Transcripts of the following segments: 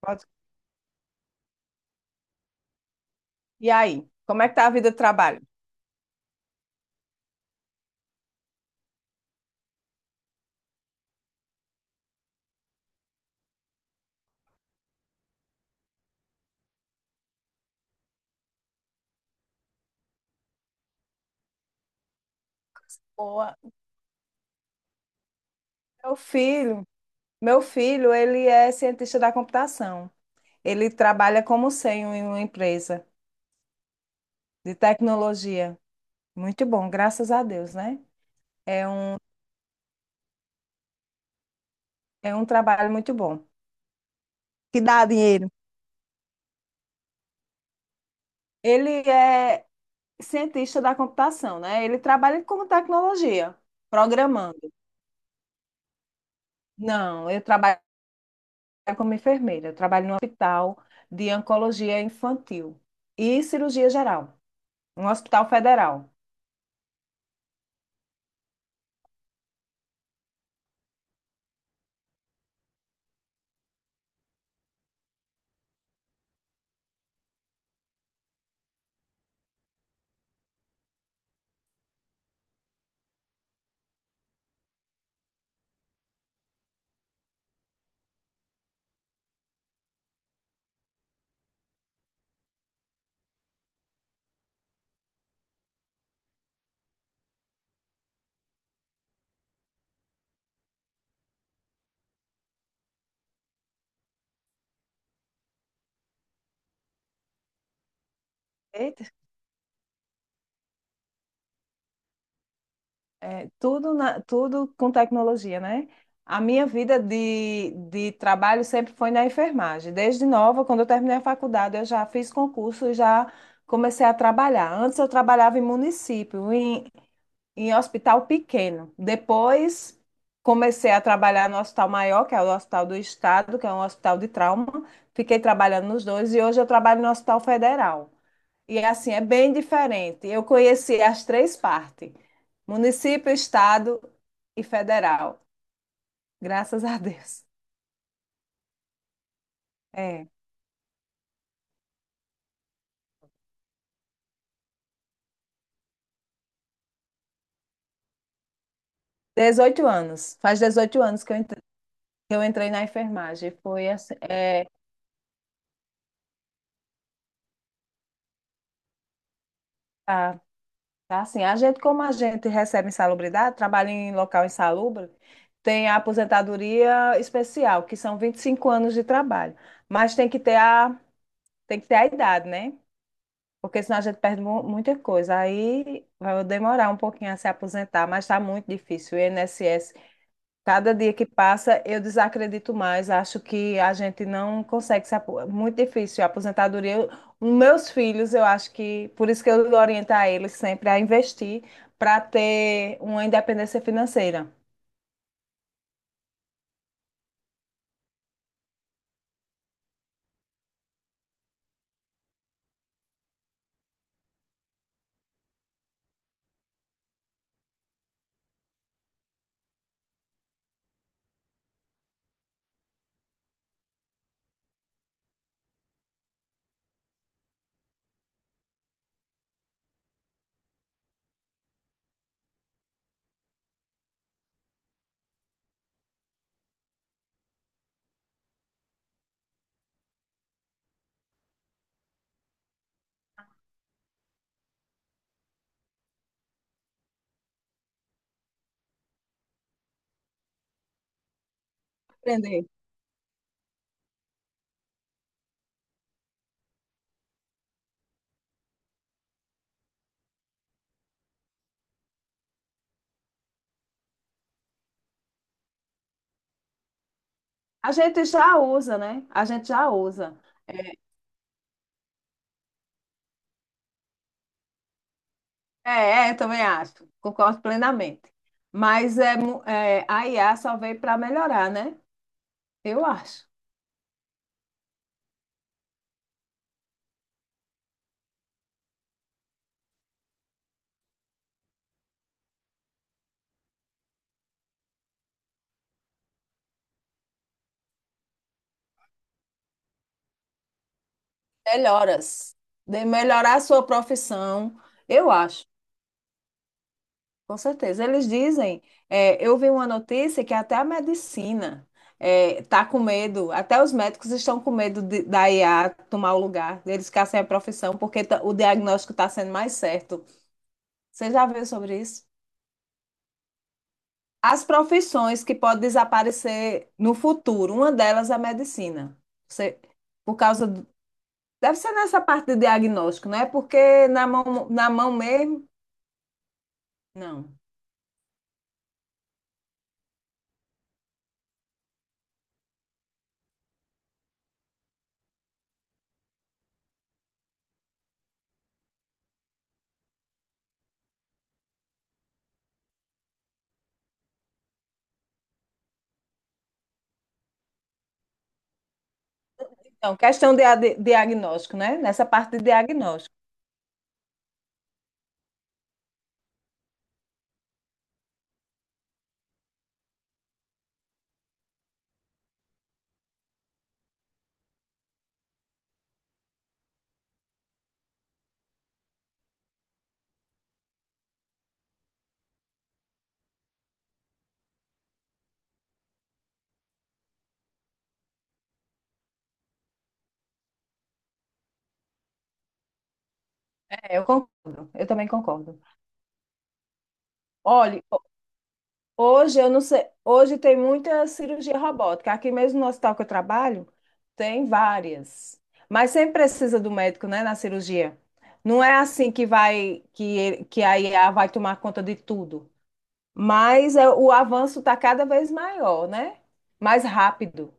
Pode- E aí, como é que tá a vida do trabalho? Boa. Meu filho, meu filho, ele é cientista da computação. Ele trabalha como sênior em uma empresa de tecnologia. Muito bom, graças a Deus, né? É, um, é um trabalho muito bom. Que dá dinheiro. Ele é cientista da computação, né? Ele trabalha com tecnologia, programando. Não, eu trabalho como enfermeira. Eu trabalho no hospital de oncologia infantil e cirurgia geral. Um hospital federal. Eita, é, tudo, na- tudo com tecnologia, né? A minha vida de trabalho sempre foi na enfermagem. Desde nova, quando eu terminei a faculdade, eu já fiz concurso e já comecei a trabalhar. Antes eu trabalhava em município, em, em hospital pequeno. Depois comecei a trabalhar no hospital maior, que é o Hospital do Estado, que é um hospital de trauma. Fiquei trabalhando nos dois e hoje eu trabalho no Hospital Federal. E assim, é bem diferente. Eu conheci as três partes: município, estado e federal. Graças a Deus. É. 18 anos. Faz 18 anos que eu entrei na enfermagem. Foi assim, é, tá, tá assim, a gente, como a gente recebe insalubridade, trabalha em local insalubre, tem a aposentadoria especial, que são 25 anos de trabalho. Mas tem que ter a idade, né? Porque senão a gente perde mu- muita coisa. Aí vai demorar um pouquinho a se aposentar, mas está muito difícil. O INSS, cada dia que passa, eu desacredito mais. Acho que a gente não consegue se aposentar. Muito difícil. A aposentadoria, eu- os meus filhos, eu acho que. Por isso que eu oriento a eles sempre a investir para ter uma independência financeira. Aprender. A gente já usa, né? A gente já usa. É, é, eu também acho, concordo plenamente. Mas é, mu- é, a IA só veio para melhorar, né? Eu acho. Melhoras. De melhorar a sua profissão, eu acho, com certeza. Eles dizem, é, eu vi uma notícia que até a medicina está com medo, até os médicos estão com medo de, da IA tomar o lugar, deles ficar sem a profissão, porque tá- o diagnóstico está sendo mais certo. Você já viu sobre isso? As profissões que podem desaparecer no futuro, uma delas é a medicina. Você, por causa do- deve ser nessa parte de diagnóstico, não é? Porque na mão mesmo, não. Então, questão de, a- de diagnóstico, né? Nessa parte de diagnóstico. É, eu concordo. Eu também concordo. Olhe, hoje eu não sei, hoje tem muita cirurgia robótica. Aqui mesmo no hospital que eu trabalho, tem várias. Mas sempre precisa do médico, né, na cirurgia. Não é assim que vai que ele- que a IA vai tomar conta de tudo. Mas é, o avanço está cada vez maior, né? Mais rápido.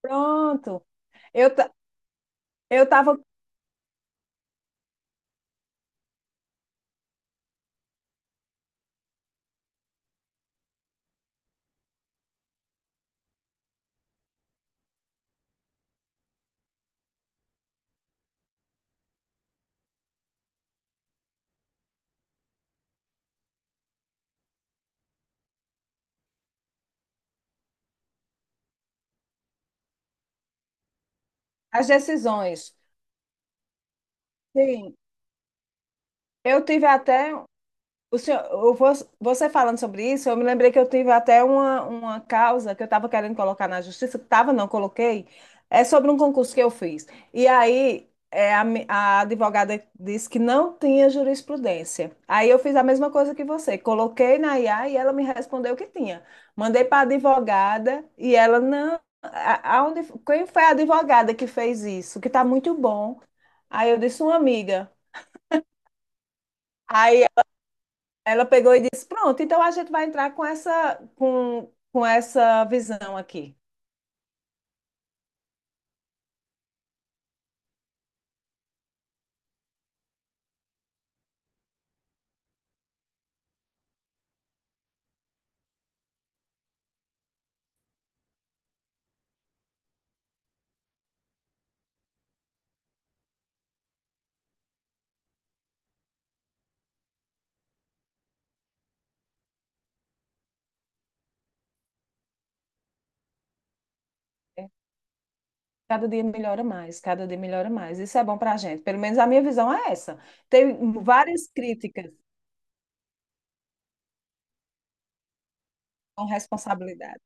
Pronto. Eu ta- eu tava as decisões. Sim. Eu tive até o senhor, eu vou- você falando sobre isso, eu me lembrei que eu tive até uma causa que eu estava querendo colocar na justiça, que estava, não coloquei, é sobre um concurso que eu fiz. E aí é, a, mi- a advogada disse que não tinha jurisprudência. Aí eu fiz a mesma coisa que você, coloquei na IA e ela me respondeu que tinha. Mandei para a advogada e ela não. A- Aonde, quem foi a advogada que fez isso? Que está muito bom. Aí eu disse, uma amiga. Aí ela pegou e disse: Pronto, então a gente vai entrar com essa visão aqui. É, cada dia melhora mais, cada dia melhora mais. Isso é bom para a gente. Pelo menos a minha visão é essa. Tem várias críticas com responsabilidade.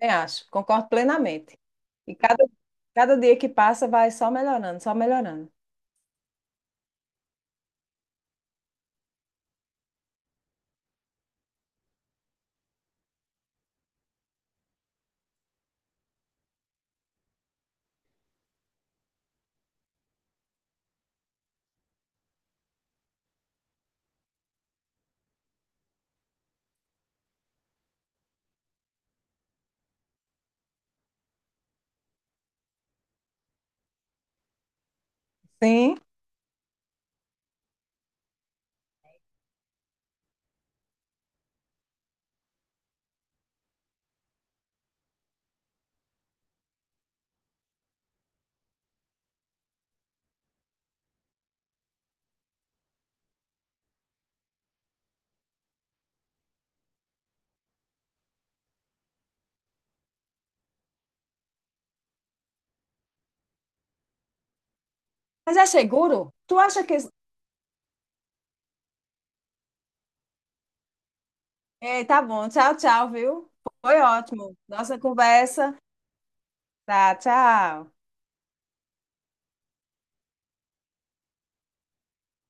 Eu acho, concordo plenamente. E cada, cada dia que passa vai só melhorando, só melhorando. Sim. Mas é seguro? Tu acha que. É tá bom, tchau, tchau, viu? Foi ótimo. Nossa conversa. Tá, tchau.